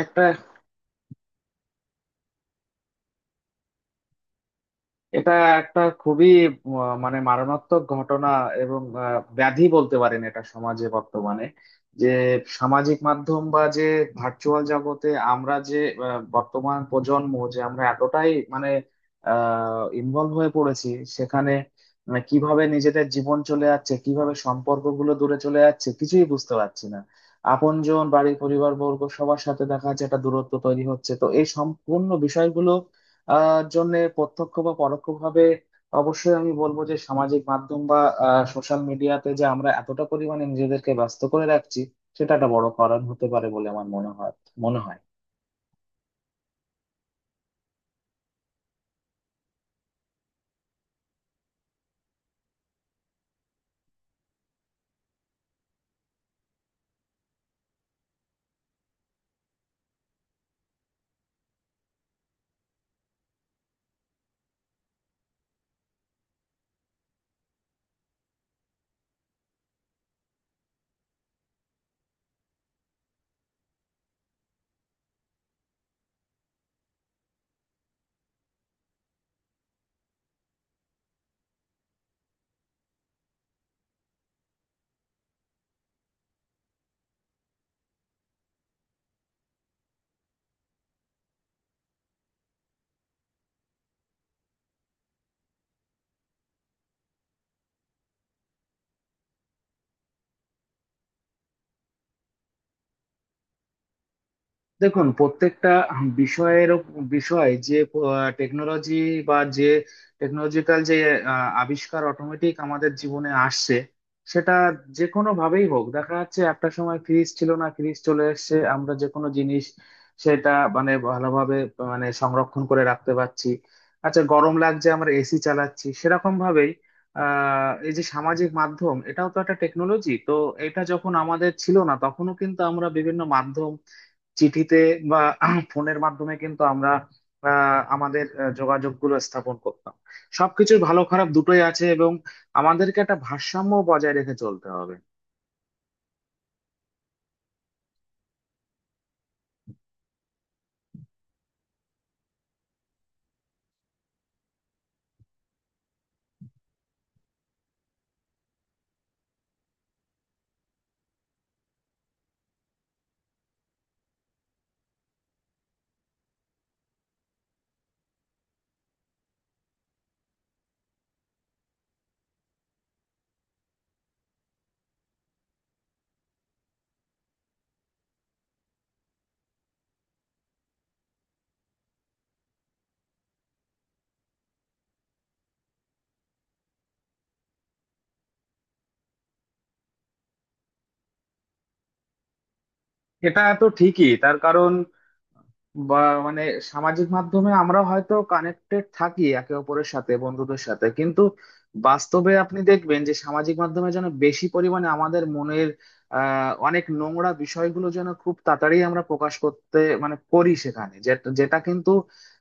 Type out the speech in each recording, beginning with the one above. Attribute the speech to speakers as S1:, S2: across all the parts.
S1: একটা এটা একটা খুবই মানে মারণাত্মক ঘটনা। এবং ব্যাধি বলতে পারেন এটা সমাজে বর্তমানে, যে সামাজিক মাধ্যম বা যে ভার্চুয়াল জগতে আমরা যে বর্তমান প্রজন্ম, যে আমরা এতটাই মানে ইনভলভ হয়ে পড়েছি সেখানে। মানে কিভাবে নিজেদের জীবন চলে যাচ্ছে, কিভাবে সম্পর্কগুলো দূরে চলে যাচ্ছে কিছুই বুঝতে পারছি না। আপনজন, বাড়ি, পরিবার বর্গ সবার সাথে দেখা যাচ্ছে একটা দূরত্ব তৈরি হচ্ছে। তো এই সম্পূর্ণ বিষয়গুলো জন্য প্রত্যক্ষ বা পরোক্ষভাবে অবশ্যই আমি বলবো যে সামাজিক মাধ্যম বা সোশ্যাল মিডিয়াতে যে আমরা এতটা পরিমাণে নিজেদেরকে ব্যস্ত করে রাখছি, সেটা একটা বড় কারণ হতে পারে বলে আমার মনে হয়। দেখুন, প্রত্যেকটা বিষয়ের বিষয় যে টেকনোলজি বা যে টেকনোলজিক্যাল যে আবিষ্কার অটোমেটিক আমাদের জীবনে আসছে, সেটা যে কোনো ভাবেই হোক দেখা যাচ্ছে। একটা সময় ফ্রিজ ছিল না, ফ্রিজ চলে এসেছে, আমরা যে কোনো জিনিস সেটা মানে ভালোভাবে মানে সংরক্ষণ করে রাখতে পারছি। আচ্ছা, গরম লাগছে আমরা এসি চালাচ্ছি, সেরকম ভাবেই এই যে সামাজিক মাধ্যম, এটাও তো একটা টেকনোলজি তো। এটা যখন আমাদের ছিল না তখনও কিন্তু আমরা বিভিন্ন মাধ্যম, চিঠিতে বা ফোনের মাধ্যমে কিন্তু আমরা আমাদের যোগাযোগ গুলো স্থাপন করতাম। সবকিছুর ভালো খারাপ দুটোই আছে এবং আমাদেরকে একটা ভারসাম্য বজায় রেখে চলতে হবে। এটা তো ঠিকই, তার কারণ বা মানে সামাজিক মাধ্যমে আমরা হয়তো কানেক্টেড থাকি একে অপরের সাথে, বন্ধুদের সাথে, কিন্তু বাস্তবে আপনি দেখবেন যে সামাজিক মাধ্যমে যেন বেশি পরিমাণে আমাদের মনের অনেক নোংরা বিষয়গুলো যেন খুব তাড়াতাড়ি আমরা প্রকাশ করতে মানে করি সেখানে, যেটা যেটা কিন্তু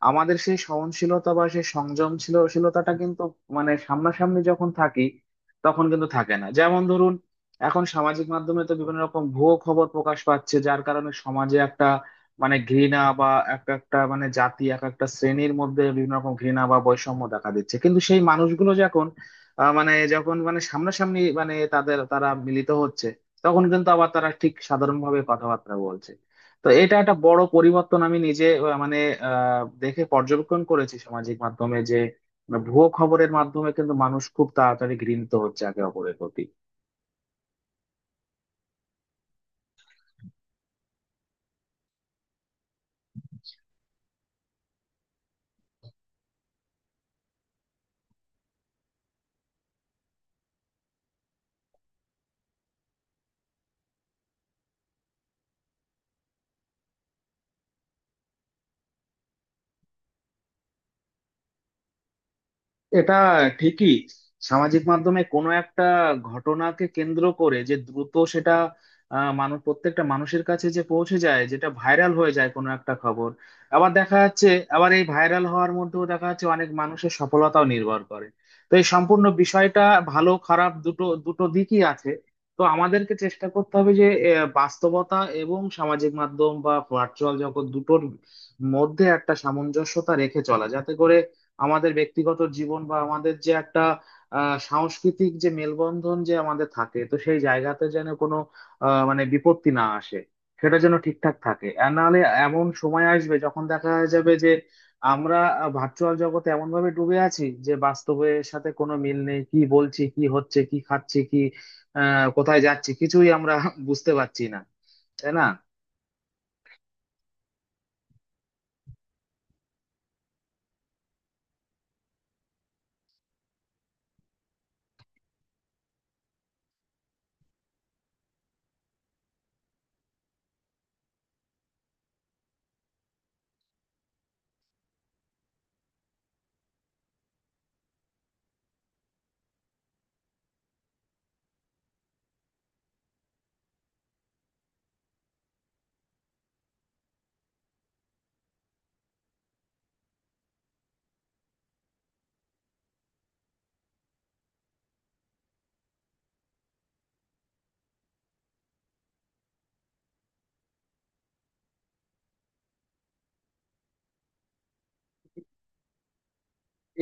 S1: আমাদের সেই সহনশীলতা বা সেই সংযমশীলশীলতাটা কিন্তু মানে সামনাসামনি যখন থাকি তখন কিন্তু থাকে না। যেমন ধরুন, এখন সামাজিক মাধ্যমে তো বিভিন্ন রকম ভুয়ো খবর প্রকাশ পাচ্ছে, যার কারণে সমাজে একটা মানে ঘৃণা বা এক একটা মানে জাতি, এক একটা শ্রেণীর মধ্যে বিভিন্ন রকম ঘৃণা বা বৈষম্য দেখা দিচ্ছে। কিন্তু সেই মানুষগুলো যখন মানে যখন মানে সামনাসামনি মানে তাদের তারা মিলিত হচ্ছে, তখন কিন্তু আবার তারা ঠিক সাধারণভাবে কথাবার্তা বলছে। তো এটা একটা বড় পরিবর্তন আমি নিজে মানে দেখে পর্যবেক্ষণ করেছি সামাজিক মাধ্যমে যে মানে ভুয়ো খবরের মাধ্যমে কিন্তু মানুষ খুব তাড়াতাড়ি ঘৃণিত হচ্ছে একে অপরের প্রতি। এটা ঠিকই, সামাজিক মাধ্যমে কোনো একটা ঘটনাকে কেন্দ্র করে যে দ্রুত সেটা মানুষ প্রত্যেকটা মানুষের কাছে যে পৌঁছে যায়, যেটা ভাইরাল হয়ে যায় কোনো একটা খবর। আবার দেখা যাচ্ছে, আবার এই ভাইরাল হওয়ার মধ্যেও দেখা যাচ্ছে অনেক মানুষের সফলতাও নির্ভর করে। তো এই সম্পূর্ণ বিষয়টা, ভালো খারাপ দুটো দুটো দিকই আছে। তো আমাদেরকে চেষ্টা করতে হবে যে বাস্তবতা এবং সামাজিক মাধ্যম বা ভার্চুয়াল জগৎ দুটোর মধ্যে একটা সামঞ্জস্যতা রেখে চলা, যাতে করে আমাদের ব্যক্তিগত জীবন বা আমাদের যে একটা সাংস্কৃতিক যে মেলবন্ধন যে আমাদের থাকে, তো সেই জায়গাতে যেন কোনো মানে বিপত্তি না আসে, সেটা যেন ঠিকঠাক থাকে। আর নাহলে এমন সময় আসবে যখন দেখা যাবে যে আমরা ভার্চুয়াল জগতে এমন ভাবে ডুবে আছি যে বাস্তবের সাথে কোনো মিল নেই। কি বলছি, কি হচ্ছে, কি খাচ্ছি, কি কোথায় যাচ্ছি কিছুই আমরা বুঝতে পারছি না, তাই না।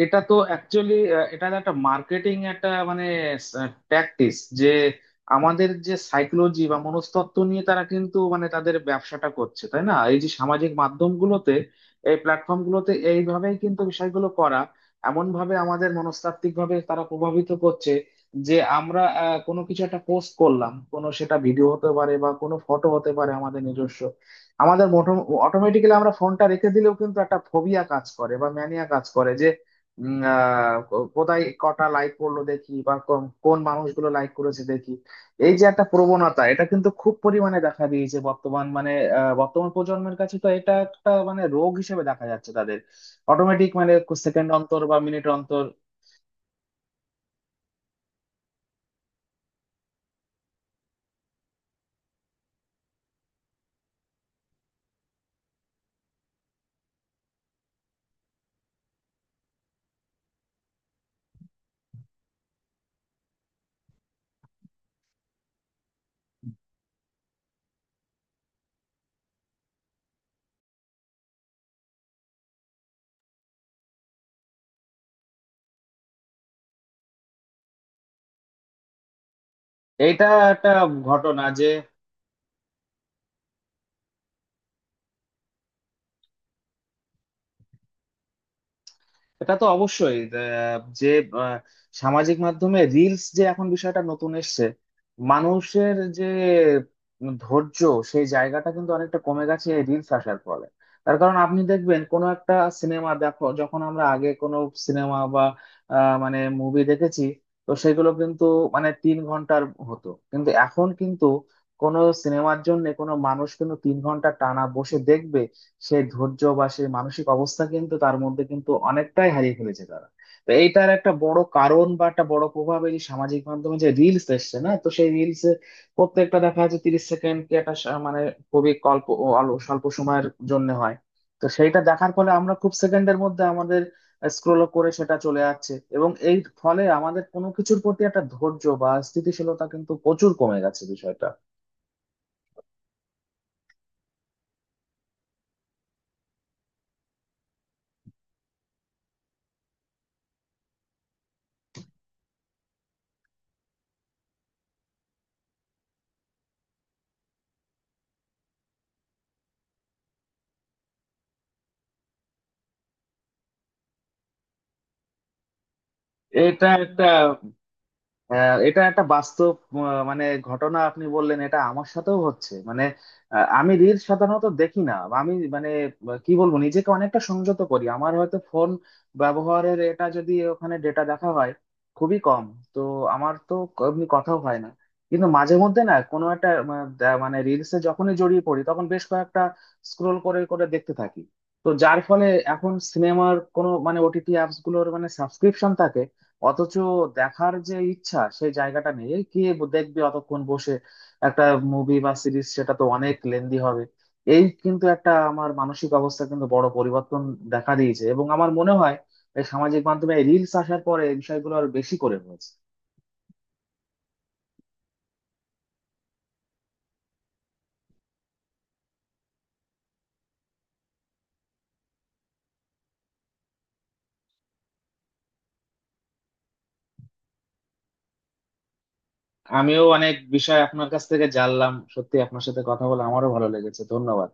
S1: এটা তো অ্যাকচুয়ালি, এটা একটা মার্কেটিং একটা মানে ট্যাকটিস যে আমাদের যে সাইকোলজি বা মনস্তত্ত্ব নিয়ে তারা কিন্তু মানে তাদের ব্যবসাটা করছে, তাই না, এই যে সামাজিক মাধ্যমগুলোতে, এই প্ল্যাটফর্মগুলোতে, এইভাবেই কিন্তু বিষয়গুলো করা। এমন ভাবে আমাদের মনস্তাত্ত্বিক ভাবে তারা প্রভাবিত করছে যে আমরা কোনো কিছু একটা পোস্ট করলাম, কোনো সেটা ভিডিও হতে পারে বা কোনো ফটো হতে পারে, আমাদের নিজস্ব, আমাদের অটোমেটিক্যালি আমরা ফোনটা রেখে দিলেও কিন্তু একটা ফোবিয়া কাজ করে বা ম্যানিয়া কাজ করে। কোথায় কটা লাইক করলো দেখি, বা কোন কোন মানুষগুলো লাইক করেছে দেখি। এই যে একটা প্রবণতা, এটা কিন্তু খুব পরিমাণে দেখা দিয়েছে বর্তমান মানে বর্তমান প্রজন্মের কাছে। তো এটা একটা মানে রোগ হিসেবে দেখা যাচ্ছে তাদের, অটোমেটিক মানে সেকেন্ড অন্তর বা মিনিট অন্তর। এইটা একটা ঘটনা যে, এটা তো অবশ্যই যে আহ, সামাজিক মাধ্যমে রিলস যে এখন বিষয়টা নতুন এসছে, মানুষের যে ধৈর্য, সেই জায়গাটা কিন্তু অনেকটা কমে গেছে এই রিলস আসার ফলে। তার কারণ আপনি দেখবেন, কোনো একটা সিনেমা দেখো যখন, আমরা আগে কোনো সিনেমা বা মানে মুভি দেখেছি, তো সেগুলো কিন্তু মানে 3 ঘন্টার হতো। কিন্তু এখন কিন্তু কোনো সিনেমার জন্য কোনো মানুষ কিন্তু 3 ঘন্টা টানা বসে দেখবে সেই ধৈর্য বা সেই মানসিক অবস্থা কিন্তু তার মধ্যে কিন্তু অনেকটাই হারিয়ে ফেলেছে তারা। তো এইটার একটা বড় কারণ বা একটা বড় প্রভাব এই যে সামাজিক মাধ্যমে যে রিলস এসছে না, তো সেই রিলস প্রত্যেকটা দেখা যাচ্ছে 30 সেকেন্ড কি, একটা মানে খুবই অল্প, স্বল্প সময়ের জন্য হয়। তো সেইটা দেখার ফলে আমরা খুব সেকেন্ডের মধ্যে আমাদের স্ক্রল করে সেটা চলে যাচ্ছে, এবং এই ফলে আমাদের কোনো কিছুর প্রতি একটা ধৈর্য বা স্থিতিশীলতা কিন্তু প্রচুর কমে গেছে বিষয়টা। এটা একটা হ্যাঁ, এটা একটা বাস্তব মানে ঘটনা আপনি বললেন, এটা আমার সাথেও হচ্ছে মানে। আমি রিল সাধারণত দেখি না, আমি মানে কি বলবো, নিজেকে অনেকটা সংযত করি। আমার হয়তো ফোন ব্যবহারের এটা যদি ওখানে ডেটা দেখা হয়, খুবই কম। তো আমার তো এমনি কথাও হয় না, কিন্তু মাঝে মধ্যে না কোনো একটা মানে রিলসে যখনই জড়িয়ে পড়ি, তখন বেশ কয়েকটা স্ক্রোল করে করে দেখতে থাকি। তো যার ফলে এখন সিনেমার কোনো মানে ওটিটি অ্যাপস গুলোর মানে সাবস্ক্রিপশন অথচ দেখার যে ইচ্ছা, সেই জায়গাটা নেই। এই কে দেখবে অতক্ষণ বসে একটা মুভি বা সিরিজ, সেটা তো অনেক লেন্দি হবে। এই কিন্তু একটা আমার মানসিক অবস্থা কিন্তু বড় পরিবর্তন দেখা দিয়েছে, এবং আমার মনে হয় এই সামাজিক মাধ্যমে রিলস আসার পরে এই বিষয়গুলো আরো বেশি করে হয়েছে। আমিও অনেক বিষয় আপনার কাছ থেকে জানলাম, সত্যি আপনার সাথে কথা বলে আমারও ভালো লেগেছে, ধন্যবাদ।